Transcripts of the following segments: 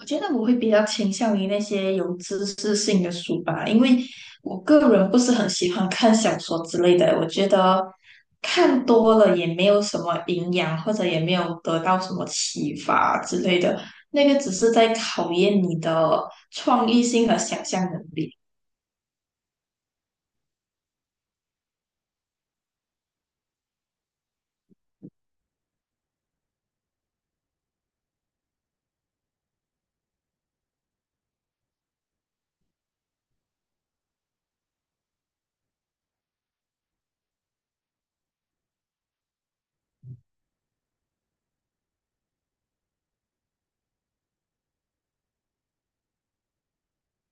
我觉得我会比较倾向于那些有知识性的书吧，因为我个人不是很喜欢看小说之类的，我觉得看多了也没有什么营养，或者也没有得到什么启发之类的，那个只是在考验你的创意性和想象能力。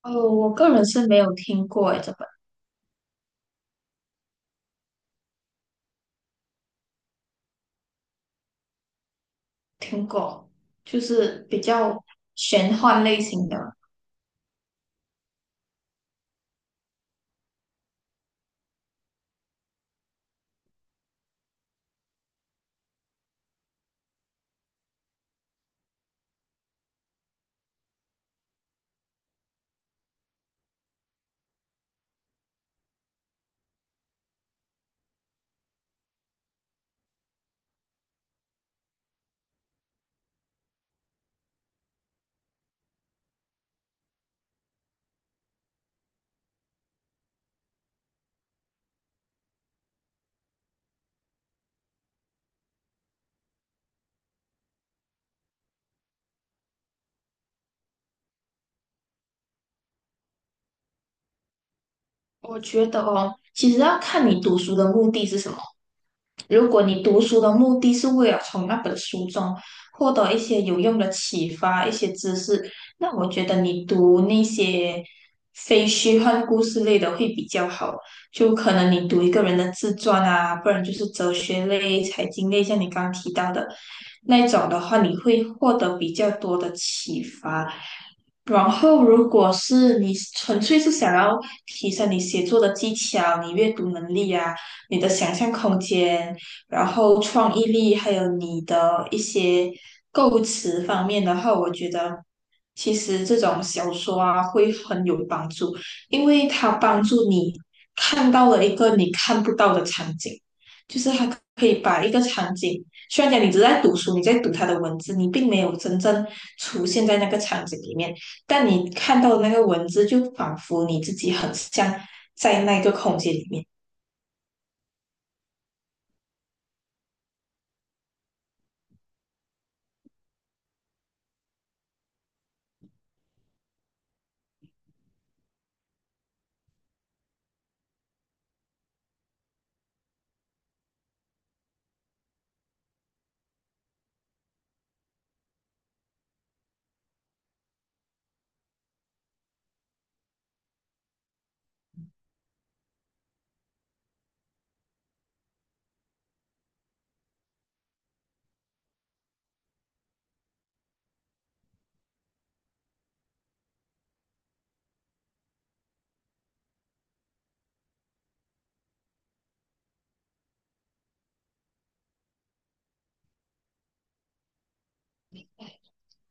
哦，我个人是没有听过诶，这本听过，就是比较玄幻类型的。我觉得哦，其实要看你读书的目的是什么。如果你读书的目的是为了从那本书中获得一些有用的启发、一些知识，那我觉得你读那些非虚幻故事类的会比较好。就可能你读一个人的自传啊，不然就是哲学类、财经类，像你刚刚提到的那种的话，你会获得比较多的启发。然后，如果是你纯粹是想要提升你写作的技巧、你阅读能力啊、你的想象空间。然后创意力，还有你的一些构词方面的话，我觉得其实这种小说啊会很有帮助，因为它帮助你看到了一个你看不到的场景，就是它可以把一个场景，虽然讲你只是在读书，你在读它的文字，你并没有真正出现在那个场景里面，但你看到的那个文字，就仿佛你自己很像在那个空间里面。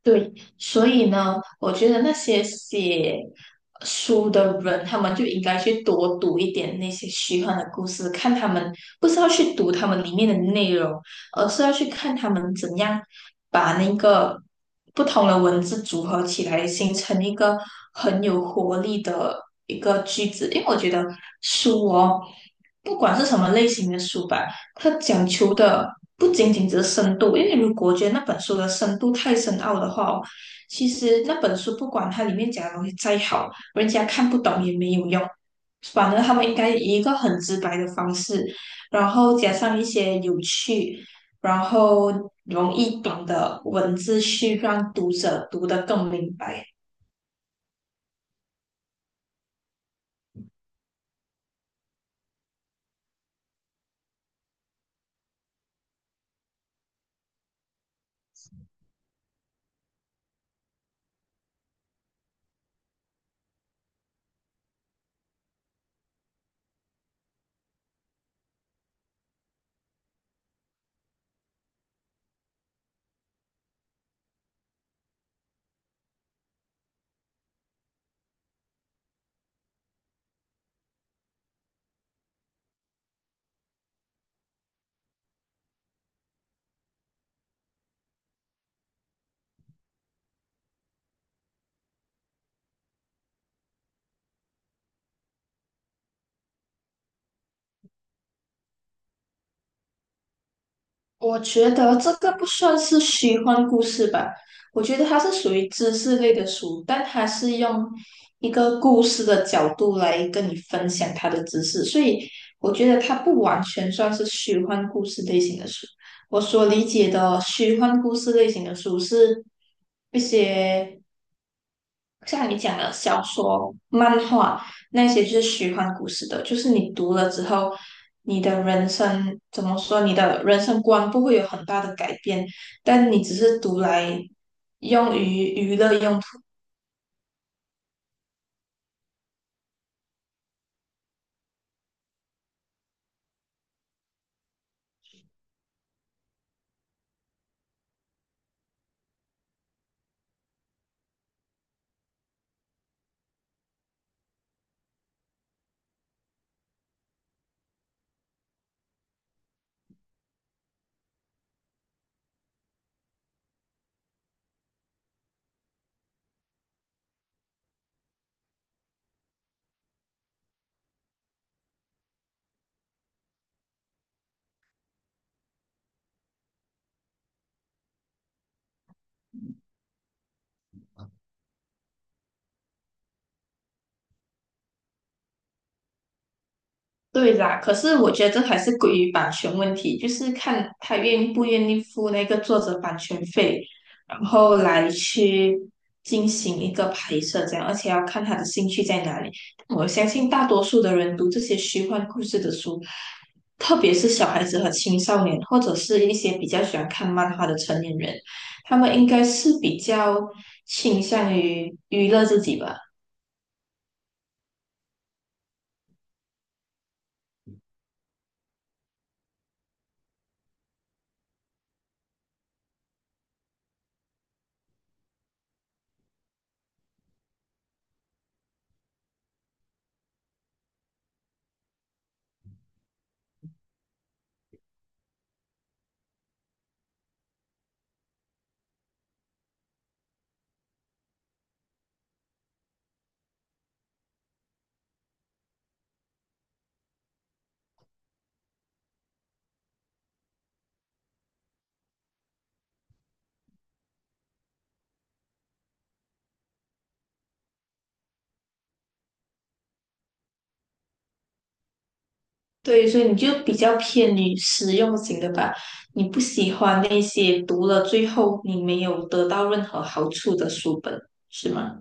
对，所以呢，我觉得那些写书的人，他们就应该去多读一点那些虚幻的故事，看他们不是要去读他们里面的内容，而是要去看他们怎样把那个不同的文字组合起来，形成一个很有活力的一个句子。因为我觉得书哦，不管是什么类型的书吧。它讲求的不仅仅只是深度，因为如果我觉得那本书的深度太深奥的话哦，其实那本书不管它里面讲的东西再好，人家看不懂也没有用。反而他们应该以一个很直白的方式，然后加上一些有趣，然后容易懂的文字，去让读者读得更明白。我觉得这个不算是虚幻故事吧，我觉得它是属于知识类的书，但它是用一个故事的角度来跟你分享它的知识，所以我觉得它不完全算是虚幻故事类型的书。我所理解的虚幻故事类型的书是一些。像你讲的小说、漫画那些，就是虚幻故事的，就是你读了之后，你的人生怎么说，你的人生观不会有很大的改变，但你只是读来用于娱乐用。对啦，可是我觉得这还是归于版权问题，就是看他愿不愿意付那个作者版权费，然后来去进行一个拍摄这样，而且要看他的兴趣在哪里。我相信大多数的人读这些虚幻故事的书，特别是小孩子和青少年，或者是一些比较喜欢看漫画的成年人，他们应该是比较倾向于娱乐自己吧。对，所以你就比较偏于实用型的吧，你不喜欢那些读了最后你没有得到任何好处的书本，是吗？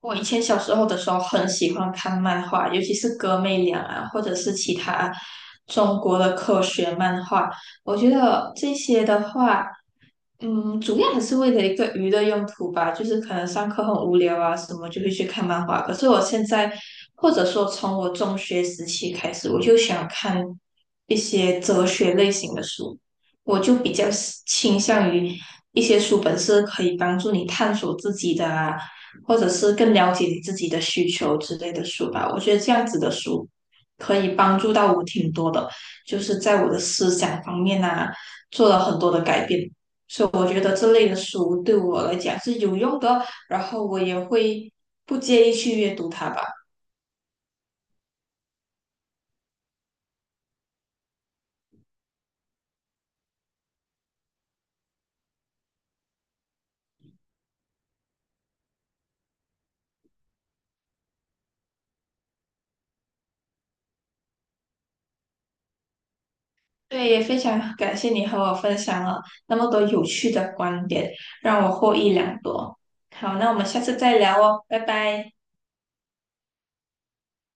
我以前小时候的时候很喜欢看漫画，尤其是哥妹俩啊，或者是其他中国的科学漫画。我觉得这些的话，嗯，主要还是为了一个娱乐用途吧，就是可能上课很无聊啊，什么就会去看漫画。可是我现在，或者说从我中学时期开始，我就想看一些哲学类型的书。我就比较倾向于一些书本是可以帮助你探索自己的啊，或者是更了解你自己的需求之类的书吧。我觉得这样子的书可以帮助到我挺多的，就是在我的思想方面啊，做了很多的改变。所以我觉得这类的书对我来讲是有用的，然后我也会不介意去阅读它吧。对，也非常感谢你和我分享了那么多有趣的观点，让我获益良多。好，那我们下次再聊哦，拜拜。